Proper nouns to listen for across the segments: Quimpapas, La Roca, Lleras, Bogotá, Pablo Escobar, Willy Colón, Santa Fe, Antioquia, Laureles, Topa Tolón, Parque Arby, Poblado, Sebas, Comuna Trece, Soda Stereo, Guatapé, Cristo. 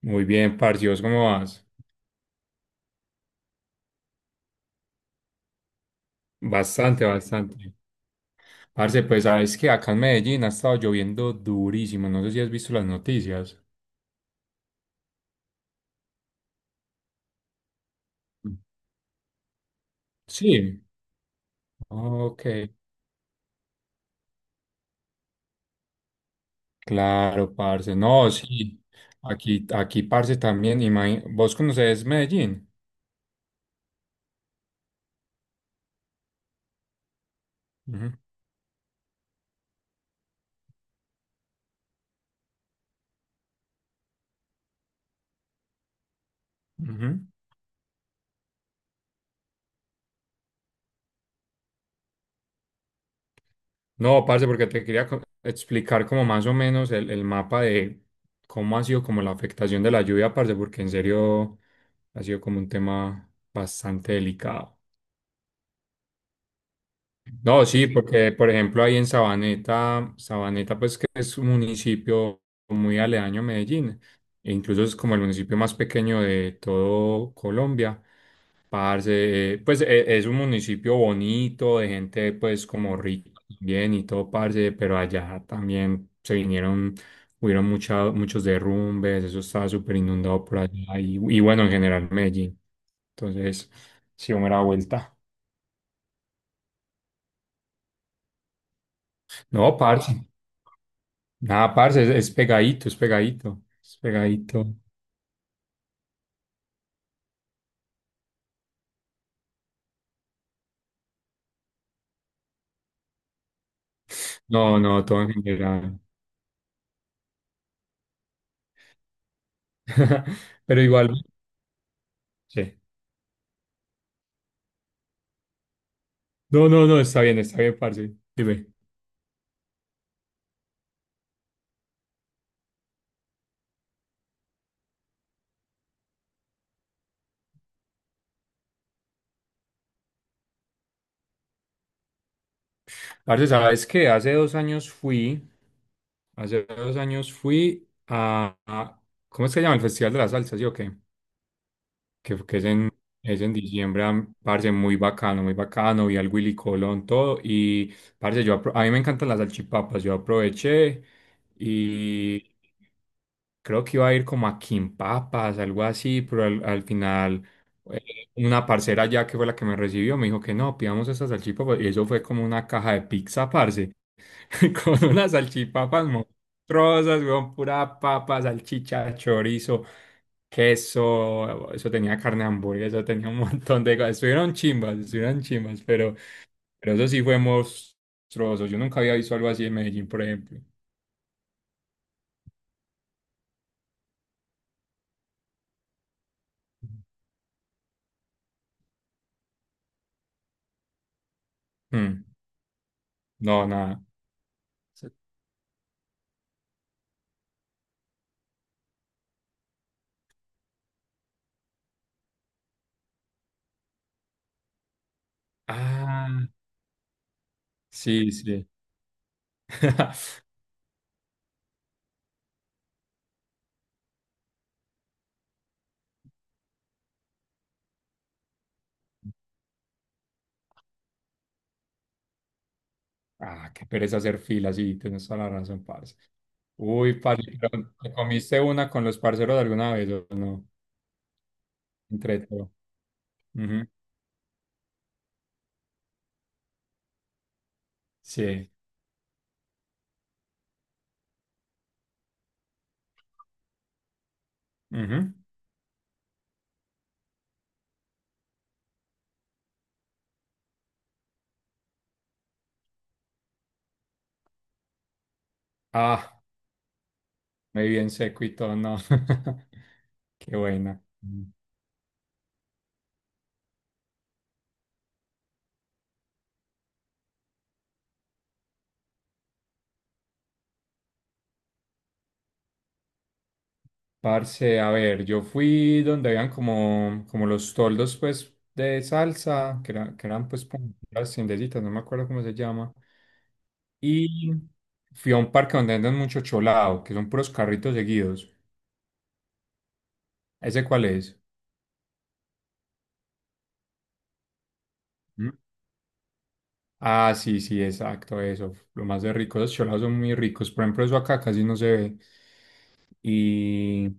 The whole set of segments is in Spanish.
Muy bien, parce, ¿y vos cómo vas? Bastante, bastante. Parce, pues sabes que acá en Medellín ha estado lloviendo durísimo. No sé si has visto las noticias. Sí. Ok. Claro, parce. No, sí. Aquí, parce, también. ¿Vos conoces Medellín? Ujú, ujú. No, parce, porque te quería explicar como más o menos el mapa de cómo ha sido como la afectación de la lluvia, parce, porque en serio ha sido como un tema bastante delicado. No, sí, porque por ejemplo ahí en Sabaneta, Sabaneta pues que es un municipio muy aledaño a Medellín, e incluso es como el municipio más pequeño de todo Colombia. Parce, pues es un municipio bonito, de gente pues como rica bien y todo, parce, pero allá también se vinieron, hubieron muchos derrumbes, eso estaba súper inundado por allá y bueno, en general Medellín. Entonces, sí, me da vuelta. No, parce. Nada, parce, es pegadito, es pegadito, es pegadito. No, no, todo en general. Pero igual, sí. No, no, no, está bien, parce. Dime. Parce, ¿sabes qué? Hace dos años fui ¿cómo es que se llama? El Festival de la Salsa, ¿sí o qué? Que es en diciembre, parce, muy bacano, vi al Willy Colón, todo, y parce, yo, a mí me encantan las salchipapas, yo aproveché y creo que iba a ir como a Quimpapas, algo así, pero al final eh, una parcera ya que fue la que me recibió, me dijo que no, pidamos esas salchipapas, y eso fue como una caja de pizza, parce. Con unas salchipapas monstruosas, weón, pura papa, salchicha, chorizo, queso, eso tenía carne de hamburguesa, eso tenía un montón de cosas. Estuvieron chimbas, pero, eso sí fue monstruoso. Yo nunca había visto algo así en Medellín, por ejemplo. Mm, no, nada. Se- Ah, sí, sí. Ah, qué pereza hacer filas, sí, tienes toda la razón, parce. Uy, parce, pero ¿te comiste una con los parceros de alguna vez o no? Entre todo. Sí. Ujú. Ah, muy bien seco y todo, no. Qué buena. Mm. Parce, a ver, yo fui donde habían como los toldos, pues, de salsa, que eran, pues, como las tiendecitas, no me acuerdo cómo se llama. Y fui a un parque donde andan mucho cholado, que son puros carritos seguidos. ¿Ese cuál es? Mm. Ah, sí, sí, exacto, eso. Lo más de rico, los cholados son muy ricos. Por ejemplo, eso acá casi no se ve. Y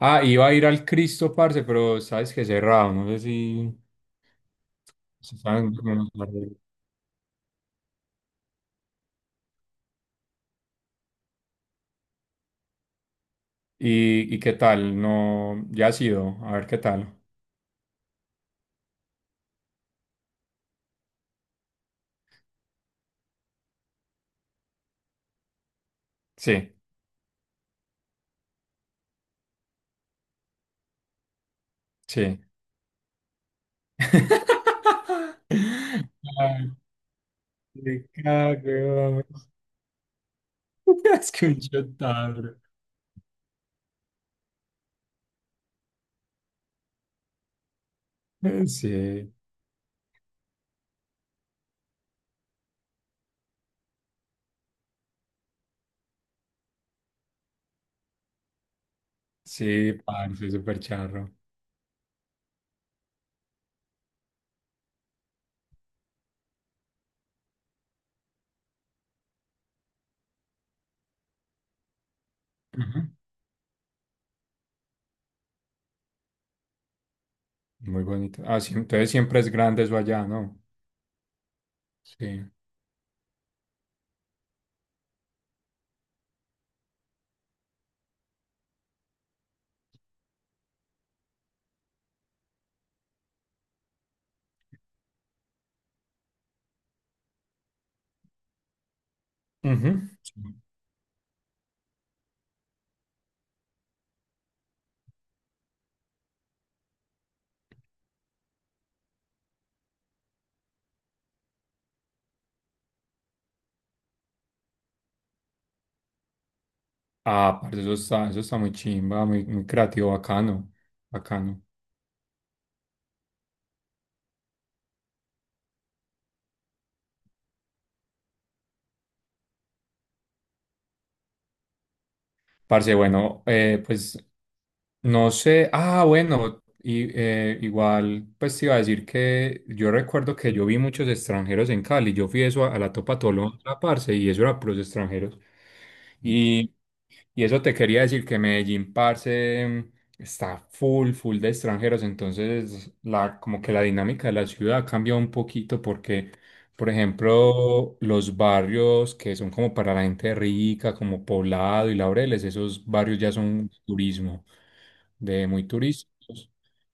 Ah, iba a ir al Cristo, parce, pero sabes que cerrado, no sé si saben cómo es. ¿Y qué tal? No, ya ha sido, a ver qué tal. Sí, sí. Ay, qué cago. Es que un chotarro. Sí, sí, parce, súper charro. Ujú. Muy bonito. Ah, sí, entonces siempre es grande eso allá, ¿no? Sí. Ujú. Ah, parce, eso está muy chimba, muy, muy creativo, bacano, bacano. Parce, bueno, pues no sé, ah, bueno, y, igual, pues te iba a decir que yo recuerdo que yo vi muchos extranjeros en Cali, yo fui eso a la Topa Tolón, parce, y eso era puros extranjeros. Y eso te quería decir que Medellín, parce, está full, full de extranjeros, entonces como que la dinámica de la ciudad cambia un poquito porque, por ejemplo, los barrios que son como para la gente rica, como Poblado y Laureles, esos barrios ya son turismo, de muy turísticos.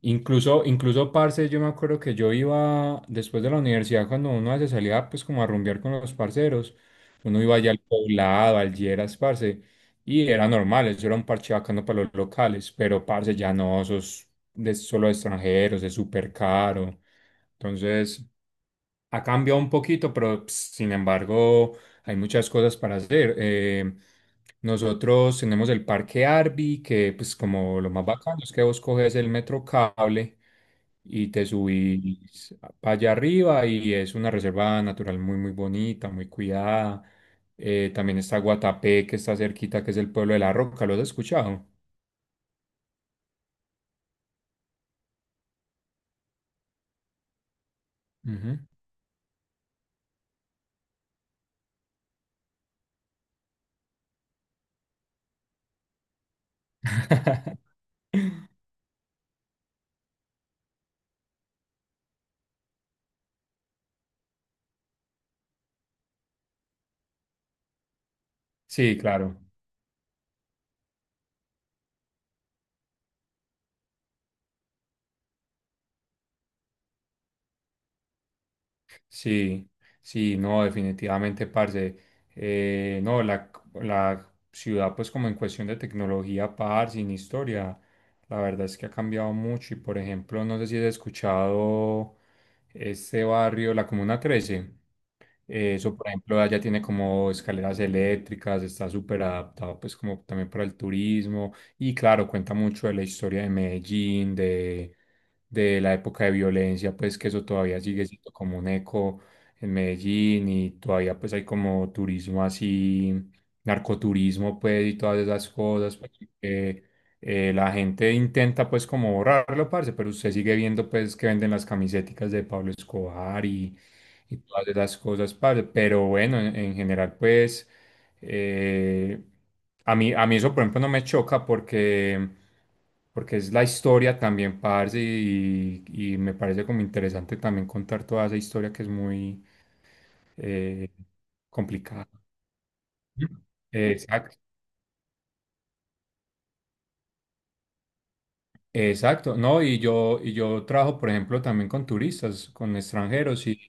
Incluso, parce, yo me acuerdo que yo iba después de la universidad, cuando uno se salía pues como a rumbear con los parceros, uno iba allá al poblado, al Lleras, parce, y era normal, eso era un parche bacano para los locales, pero parce, ya no, eso es solo de extranjeros, es súper caro. Entonces, ha cambiado un poquito, pero sin embargo hay muchas cosas para hacer. Nosotros tenemos el Parque Arby, que pues como lo más bacano es que vos coges el metro cable y te subís para allá arriba y es una reserva natural muy muy bonita, muy cuidada. También está Guatapé, que está cerquita, que es el pueblo de La Roca. ¿Lo has escuchado? Ujú. Sí, claro. Sí, sí, no, definitivamente, parce. No, la, ciudad, pues como en cuestión de tecnología, parce, sin historia, la verdad es que ha cambiado mucho. Y por ejemplo, no sé si has escuchado este barrio, la Comuna Trece. Eso, por ejemplo, allá tiene como escaleras eléctricas, está súper adaptado pues como también para el turismo y claro, cuenta mucho de la historia de Medellín, de la época de violencia, pues que eso todavía sigue siendo como un eco en Medellín y todavía pues hay como turismo así, narcoturismo pues y todas esas cosas, pues, que la gente intenta pues como borrarlo, parce, pero usted sigue viendo pues que venden las camisetas de Pablo Escobar y todas esas cosas, parce. Pero bueno, en, general pues eh, a mí eso por ejemplo no me choca porque es la historia también, parce, y me parece como interesante también contar toda esa historia que es muy eh, complicada. Ujú. Exacto. Exacto, no, y yo trabajo, por ejemplo, también con turistas, con extranjeros, y,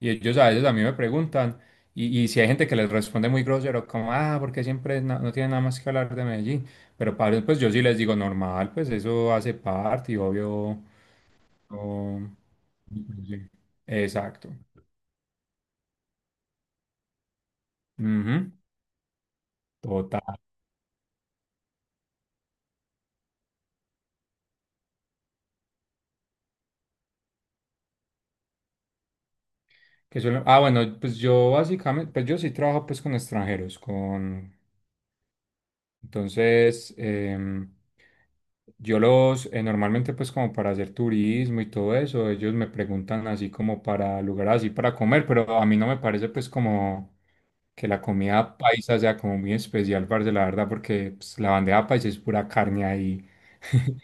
y ellos a veces a mí me preguntan, y si hay gente que les responde muy grosero, como, ah, porque siempre no tiene nada más que hablar de Medellín, pero para ellos, pues yo sí les digo normal, pues eso hace parte, y obvio, no- sí. Exacto, Ujú, Total. Que suelen ah, bueno, pues yo básicamente, pues yo sí trabajo pues con extranjeros, con Entonces, yo los, normalmente pues como para hacer turismo y todo eso, ellos me preguntan así como para lugares así para comer, pero a mí no me parece pues como que la comida paisa sea como muy especial, parce, la verdad, porque pues, la bandeja paisa es pura carne ahí.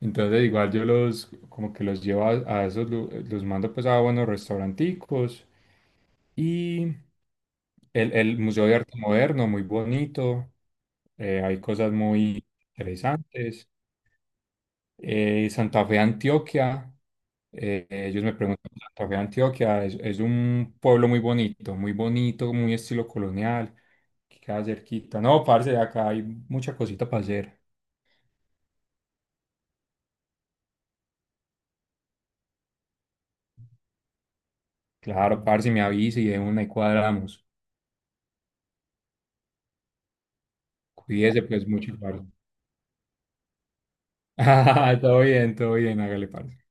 Entonces igual yo los como que los llevo a esos, los mando pues a buenos restauranticos y el Museo de Arte Moderno, muy bonito, hay cosas muy interesantes. Santa Fe, Antioquia, ellos me preguntan, Santa Fe, Antioquia, es un pueblo muy bonito, muy bonito, muy estilo colonial, que queda cerquita. No, parce, acá hay mucha cosita para hacer. Claro, parce, me avisa y de una y cuadramos. Cuídese pues mucho, parce. Todo bien, hágale, parce.